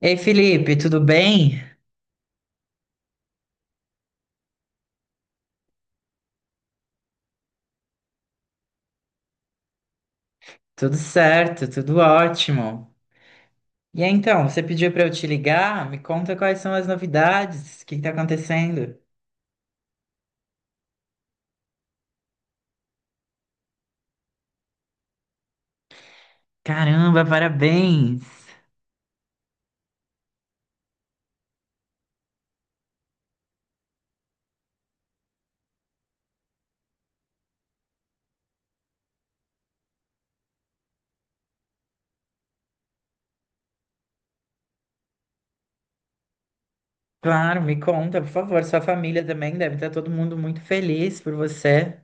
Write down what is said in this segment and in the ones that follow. Ei, Felipe, tudo bem? Tudo certo, tudo ótimo. E aí, então, você pediu para eu te ligar? Me conta quais são as novidades, o que está acontecendo? Caramba, parabéns! Claro, me conta, por favor. Sua família também deve estar todo mundo muito feliz por você.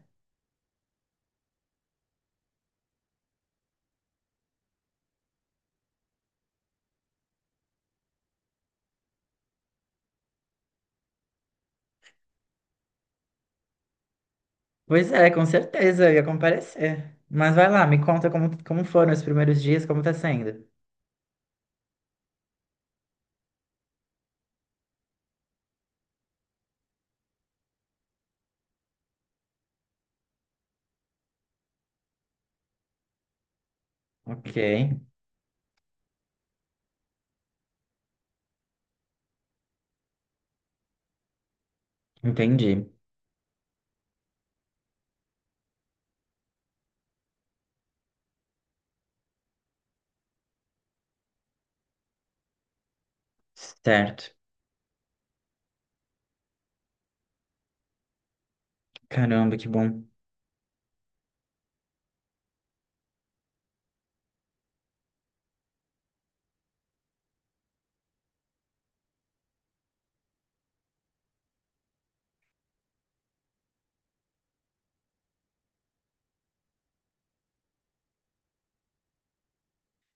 Pois é, com certeza, eu ia comparecer. Mas vai lá, me conta como foram os primeiros dias, como tá sendo. Ok, entendi. Certo. Caramba, que bom.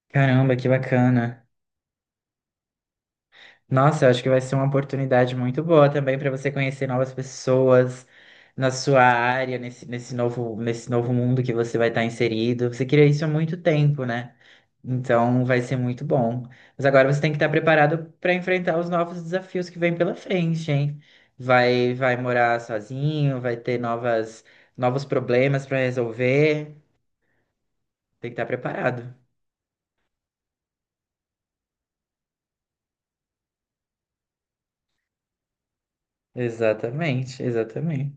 Caramba, que bacana. Nossa, eu acho que vai ser uma oportunidade muito boa também para você conhecer novas pessoas na sua área, nesse novo mundo que você vai estar inserido. Você queria isso há muito tempo, né? Então vai ser muito bom. Mas agora você tem que estar preparado para enfrentar os novos desafios que vêm pela frente, hein? Vai morar sozinho, vai ter novos problemas para resolver. Tem que estar preparado. Exatamente, exatamente.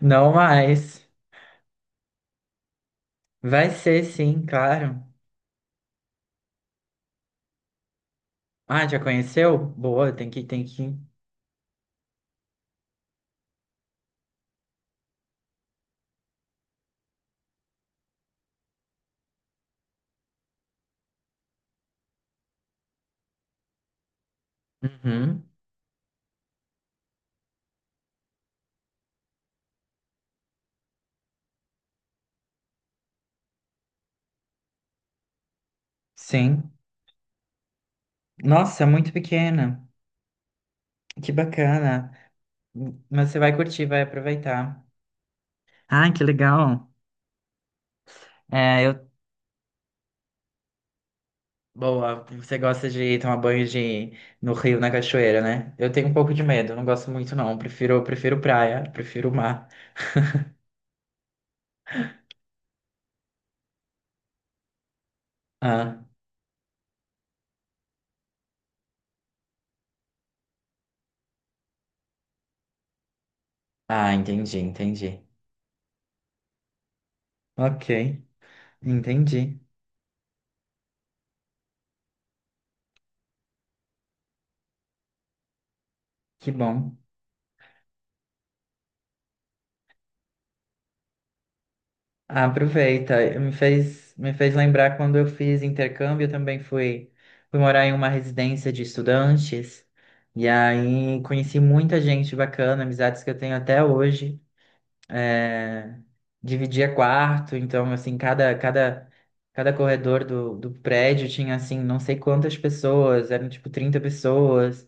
Não mais. Vai ser sim, claro. Ah, já conheceu? Boa, tem que. Uhum, sim. Nossa, é muito pequena. Que bacana. Mas você vai curtir, vai aproveitar. Ah, que legal. É, eu. Boa, você gosta de tomar banho no rio, na cachoeira, né? Eu tenho um pouco de medo, não gosto muito, não. Prefiro praia, prefiro mar. Ah, ah, entendi, entendi. Ok, entendi. Que bom. Ah, aproveita. Me fez lembrar quando eu fiz intercâmbio, eu também fui morar em uma residência de estudantes. E aí conheci muita gente bacana, amizades que eu tenho até hoje. É, dividia quarto, então assim, cada corredor do prédio tinha assim, não sei quantas pessoas, eram tipo 30 pessoas.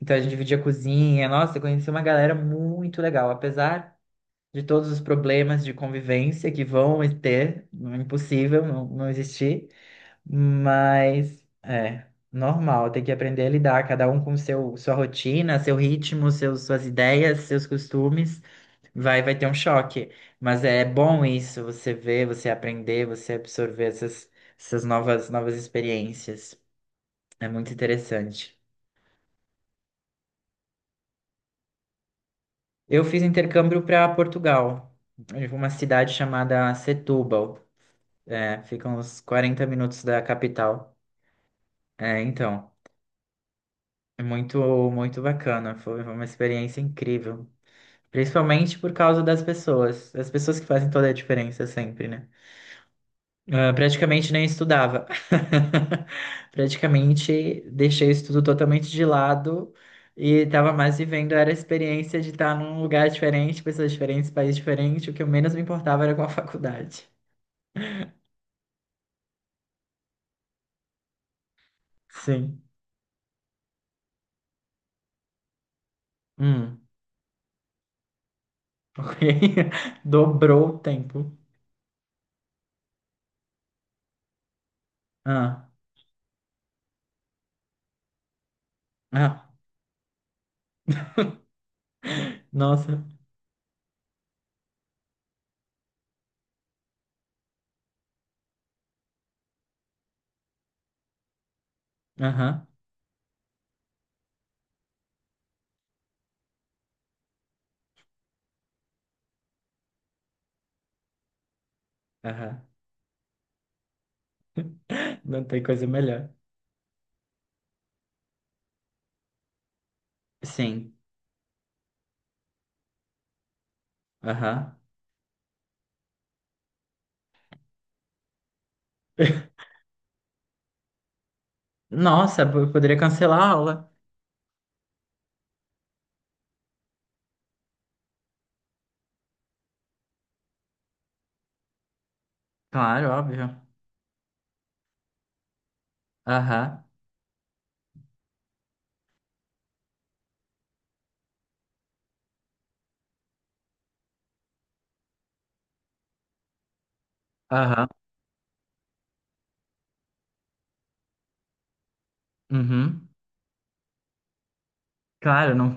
Então a gente dividia cozinha. Nossa, eu conheci uma galera muito legal, apesar de todos os problemas de convivência que vão ter, não é impossível não, não existir, mas é normal, tem que aprender a lidar, cada um com sua rotina, seu ritmo, suas ideias, seus costumes, vai ter um choque, mas é bom isso, você ver, você aprender, você absorver novas experiências, é muito interessante. Eu fiz intercâmbio para Portugal, em uma cidade chamada Setúbal. É, fica uns 40 minutos da capital. É, então, é muito, muito bacana. Foi uma experiência incrível. Principalmente por causa das pessoas. As pessoas que fazem toda a diferença sempre, né? Ah, praticamente nem estudava. Praticamente deixei o estudo totalmente de lado e estava mais vivendo era a experiência de estar num lugar diferente, pessoas diferentes, país diferente. O que eu menos me importava era com a faculdade. Sim. Hum. Ok. Dobrou o tempo. Ah, ah, nossa. Aham, aham. Não tem coisa melhor. Sim, aham. Nossa, eu poderia cancelar a aula. Claro, óbvio. Aham, aham, uhum. Claro, não.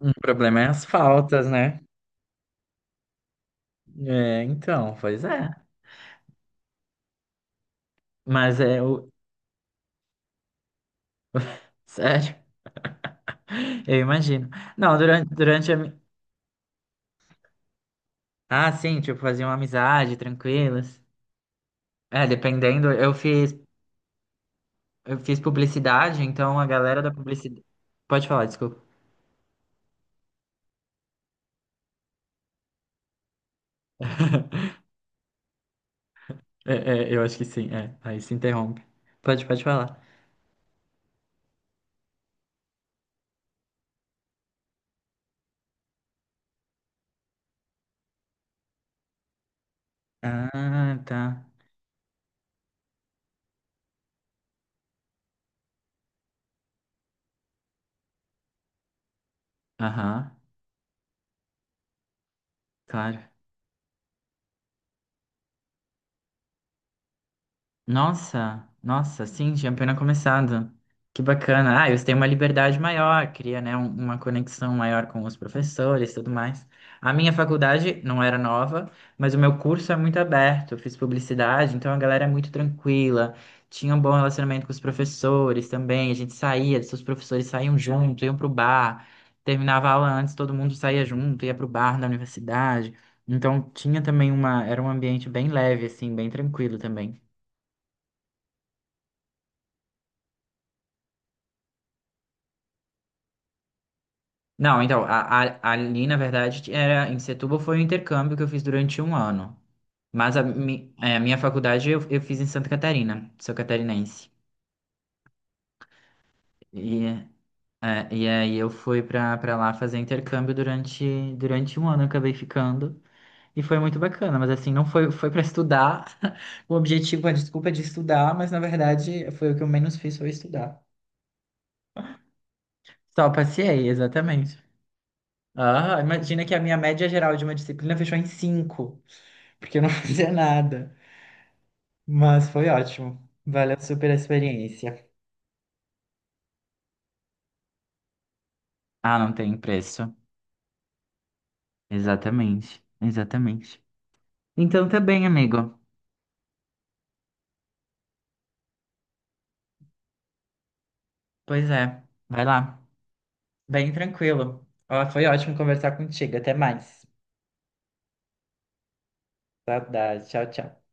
O problema é as faltas, né? É, então, pois é. Mas é o. Sério, eu imagino. Não. Ah, sim, tipo, fazia uma amizade, tranquilas. É, dependendo, eu fiz, publicidade, então a galera da publicidade. Pode falar, desculpa. Eu acho que sim, é. Aí se interrompe. Pode falar. Ah, tá. Aham, claro. Nossa, nossa, sim, tinha apenas começado. Que bacana. Ah, eles têm uma liberdade maior, cria, né, uma conexão maior com os professores e tudo mais. A minha faculdade não era nova, mas o meu curso é muito aberto. Eu fiz publicidade, então a galera é muito tranquila. Tinha um bom relacionamento com os professores também. A gente saía, os professores saíam junto, iam pro bar. Terminava a aula antes, todo mundo saía junto, ia pro bar da universidade. Então tinha também era um ambiente bem leve, assim, bem tranquilo também. Não, então, ali, na verdade, era em Setúbal foi um intercâmbio que eu fiz durante um ano. Mas a minha faculdade eu fiz em Santa Catarina, sou catarinense. E, e aí eu fui pra lá fazer intercâmbio durante um ano, eu acabei ficando. E foi muito bacana, mas assim, não foi, foi para estudar. O objetivo, a desculpa é de estudar, mas na verdade foi o que eu menos fiz, foi estudar. Só passei, exatamente. Ah, imagina que a minha média geral de uma disciplina fechou em cinco, porque eu não fazia nada. Mas foi ótimo. Valeu super a experiência. Ah, não tem preço. Exatamente, exatamente. Então tá bem, amigo. Pois é, vai lá. Bem tranquilo. Ó, foi ótimo conversar contigo. Até mais. Saudade. Tchau, tchau.